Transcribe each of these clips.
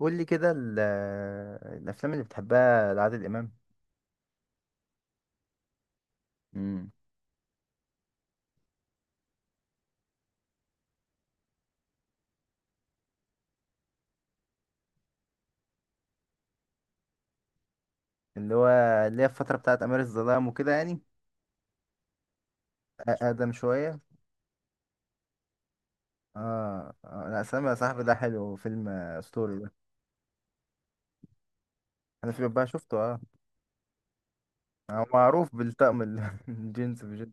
قول لي كده الافلام اللي بتحبها لعادل امام. امم. اللي هو اللي هي الفتره بتاعت امير الظلام وكده يعني. اقدم شويه. اه، آه، لا، سلام يا صاحبي ده حلو فيلم اسطوري ده. انا في بقى شفته اه. هو معروف بالطقم الجينز بجد.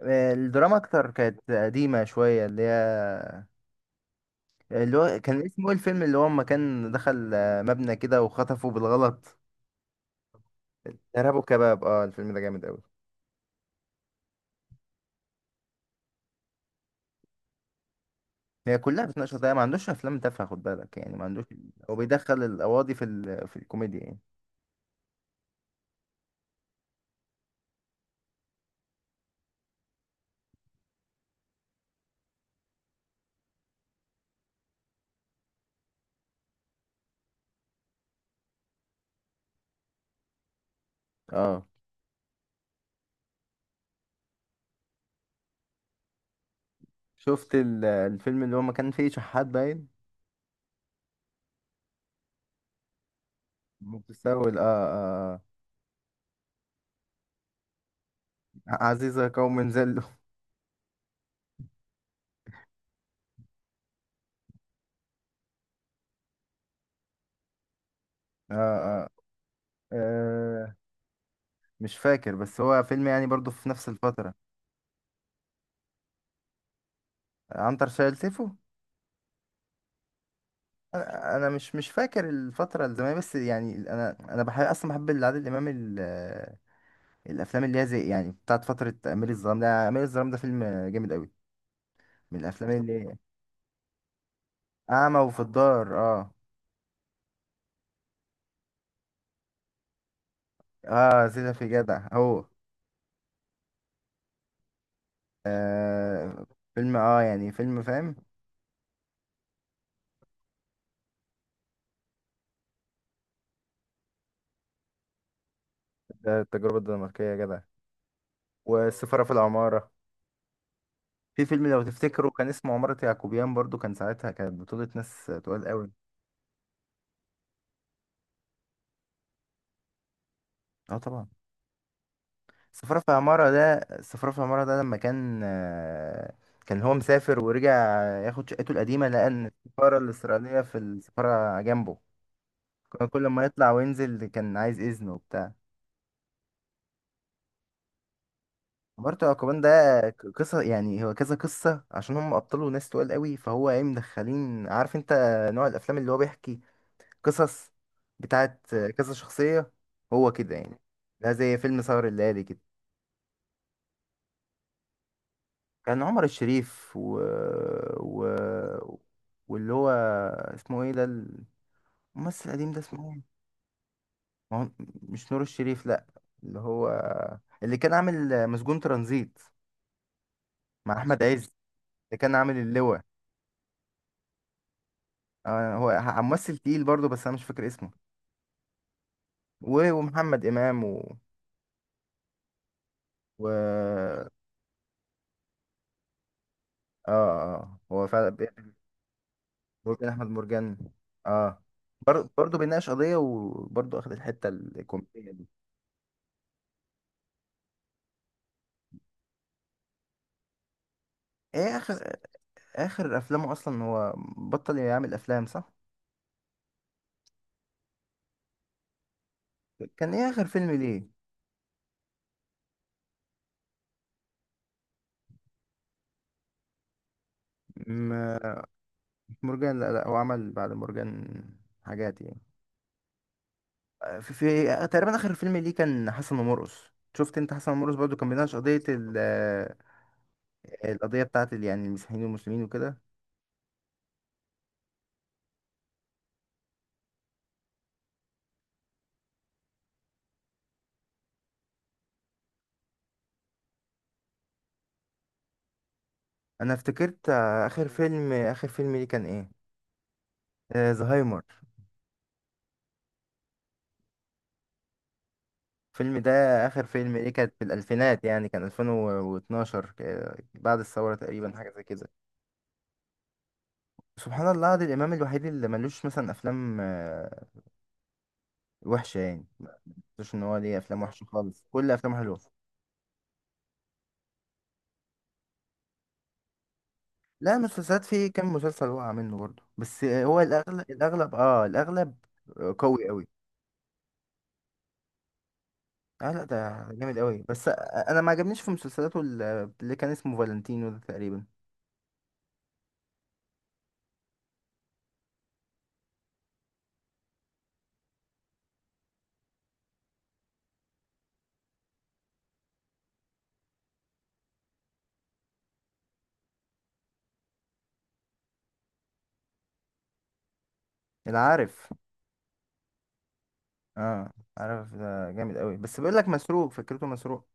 الدراما اكتر كانت قديمه شويه اللي هي اللي هو كان اسمه ايه الفيلم اللي هو اما كان دخل مبنى كده وخطفه بالغلط. ارهاب وكباب، اه الفيلم ده جامد قوي. هي كلها بتناقش قضايا، ما عندوش افلام تافهه خد بالك يعني، ما عندوش. هو بيدخل القواضي في الكوميديا يعني. اه، شفت الفيلم اللي هو ما كان فيه شحات باين. متسول، اه اه آه. عزيزة قوم زلوا. آه، آه، اه مش فاكر بس هو فيلم يعني برضو في نفس الفترة. عنتر شايل سيفو. أنا مش فاكر الفترة الزمنية، بس يعني انا بحب اصلا، بحب عادل امام الافلام اللي هي زي يعني بتاعت فترة امير الظلام، ده امير الظلام ده فيلم جامد قوي، من الافلام اللي أعمى وفي الدار اه. اه، سيدة في جدع هو. آه، فيلم اه يعني، فيلم فاهم. ده التجربة الدنماركية يا جدع، والسفارة في العمارة. في فيلم لو تفتكروا كان اسمه عمارة يعقوبيان، برضو كان ساعتها كانت بطولة ناس تقال قوي. اه طبعا. السفارة في العمارة ده، السفارة في العمارة ده، لما كان كان هو مسافر ورجع، ياخد شقته القديمة، لقى إن السفارة الإسرائيلية في السفارة جنبه. كان كل ما يطلع وينزل كان عايز إذن وبتاع. مارتو أكوان ده قصة، يعني هو كذا قصة عشان هم أبطاله ناس تقال قوي، فهو ايه، مدخلين عارف انت نوع الأفلام اللي هو بيحكي، قصص بتاعت كذا شخصية. هو كده يعني. ده زي فيلم سهر الليالي كده. كان عمر الشريف و... و... واللي هو اسمه ايه ده، الممثل القديم ده اسمه ايه؟ ما هو مش نور الشريف لأ، اللي هو اللي كان عامل مسجون ترانزيت مع أحمد عز، اللي كان عامل اللواء. هو ممثل تقيل برضه، بس انا مش فاكر اسمه. ومحمد امام و، و... اه اه. هو فعلا هو بين احمد مرجان اه. برضه بيناقش قضيه، وبرضه اخد الحته الكوميديه دي. ايه اخر افلامه اصلا؟ هو بطل يعمل افلام صح؟ كان ايه اخر فيلم ليه؟ م- مش مرجان، لا لا، هو عمل بعد مرجان حاجات يعني. في تقريبا اخر فيلم ليه كان حسن ومرقص. شفت انت حسن ومرقص، برضه كان بيناقش قضيه، القضية بتاعت يعني المسيحيين والمسلمين وكده. أنا افتكرت آخر فيلم ليه كان إيه؟ زهايمر. الفيلم ده، آخر فيلم ليه، كانت في الألفينات، يعني كان 2012، بعد الثورة تقريبا، حاجة زي كده. سبحان الله، عادل إمام الوحيد اللي ملوش مثلا أفلام وحشة يعني، ما مش إن هو ليه أفلام وحشة خالص، كل أفلامه حلوة. لا، مسلسلات فيه كام مسلسل وقع منه برضه، بس هو الأغلب، الأغلب. آه، قوي أوي. اه، لا ده جامد قوي، بس انا ما عجبنيش في مسلسلاته اللي كان اسمه فالنتينو ده تقريبا. انا عارف، اه عارف ده جامد قوي، بس بيقول لك مسروق، فكرته مسروق.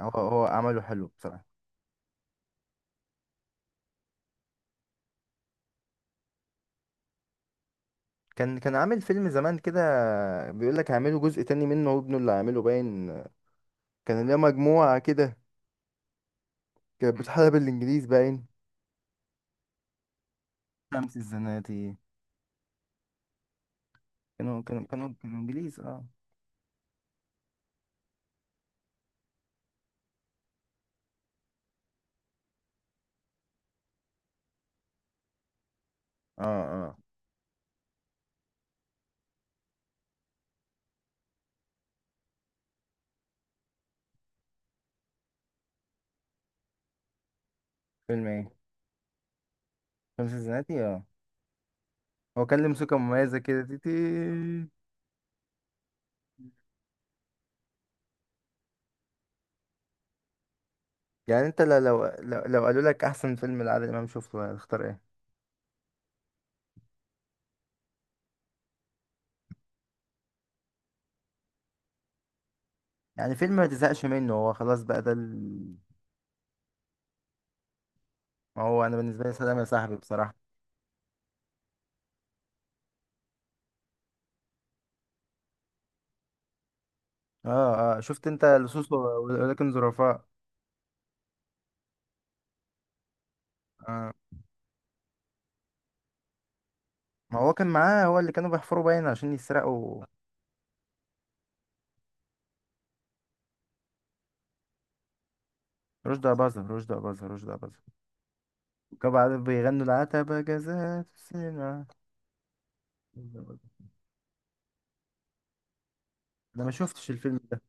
هو عمله حلو بصراحة. كان عامل فيلم زمان كده، بيقول لك هيعملوا جزء تاني منه وابنه اللي عامله باين. كان ليه مجموعة كده، كانت بتحارب بالانجليز باين. شمس الزناتي. كانوا انجليز اه. اه اه، فيلم ايه؟ شمس الزناتي اه. هو كان له موسيقى مميزة كده، تي تي. يعني انت لو قالوا لك احسن فيلم لعادل امام شفته هتختار ايه؟ يعني فيلم ما تزهقش منه، هو خلاص بقى ده ما هو انا بالنسبه لي سلام يا صاحبي، بصراحه. اه اه، شفت انت لصوص ولكن ظرفاء. آه. ما هو كان معاه، هو اللي كانوا بيحفروا باين عشان يسرقوا. رشدي اباظة. وكانوا بعدين بيغنوا العتبة جزات السنة. رشدي أباظة. انا ما شفتش الفيلم ده.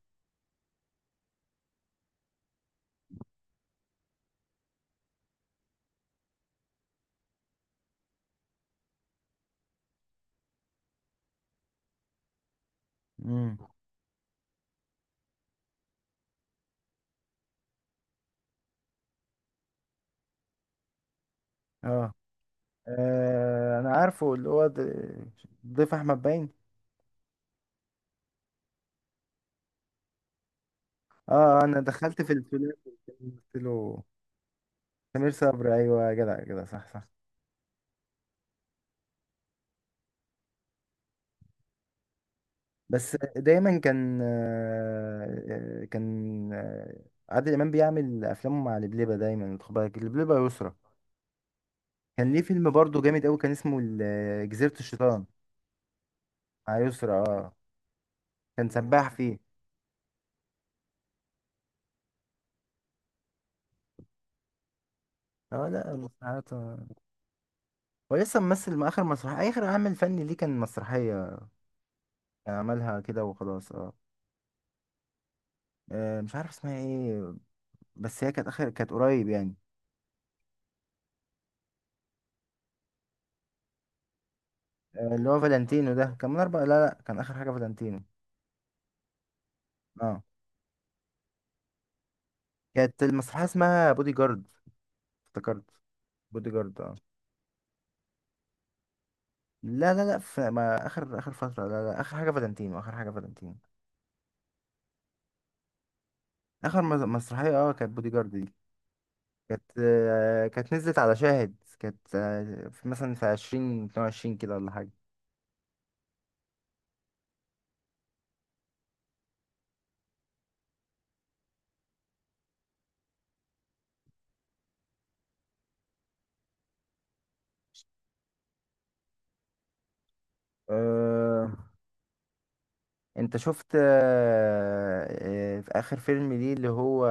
امم. اه آه، انا عارفه اللي هو ضيف احمد باين. اه، انا دخلت في الفلان، قلت له سمير صبري. ايوه يا جدع، يا جدع، صح صح. بس دايما كان، آه، كان آه، عادل امام بيعمل افلامه مع لبلبه دايما، خد بالك لبلبه، يسرى. كان ليه فيلم برضه جامد قوي، كان اسمه جزيره الشيطان. مع يسرى اه. كان سباح فيه. اه لا، المسرحيات آه. هو لسه ممثل، مع اخر مسرحيه، اخر عمل فني ليه كان مسرحيه عملها كده وخلاص اه. مش عارف اسمها ايه، بس هي كانت اخر، كانت قريب يعني. اللي هو فالنتينو ده كان من اربع، لا لا، كان اخر حاجه فالنتينو. اه، كانت المسرحيه اسمها بودي جارد. افتكرت، بودي جارد اه. لا لا لا، في ما اخر فتره، لا لا، اخر حاجه فالنتينو، اخر حاجه فالنتينو. اخر مسرحيه اه كانت بودي جارد دي، كانت نزلت على شاهد، كانت في مثلا في عشرين 2022 كده، ولا حاجه. أه، انت شفت في اخر فيلم ليه اللي هو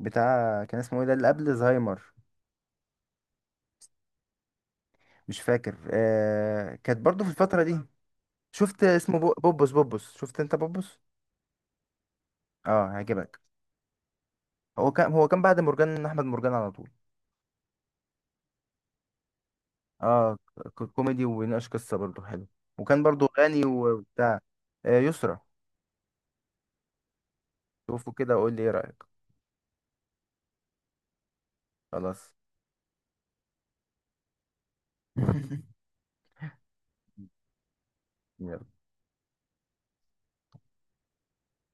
بتاع، كان اسمه ايه ده، اللي قبل زهايمر؟ مش فاكر كانت برضو في الفترة دي. شفت اسمه بوبوس، بوبوس، شفت انت بوبوس؟ اه، هيعجبك. هو كان بعد مرجان احمد مرجان على طول. اه، كوميدي وبيناقش قصة، برضو حلو، وكان برضو غني وبتاع. يسرا. شوفه كده وقول لي ايه رأيك. خلاص. يلا.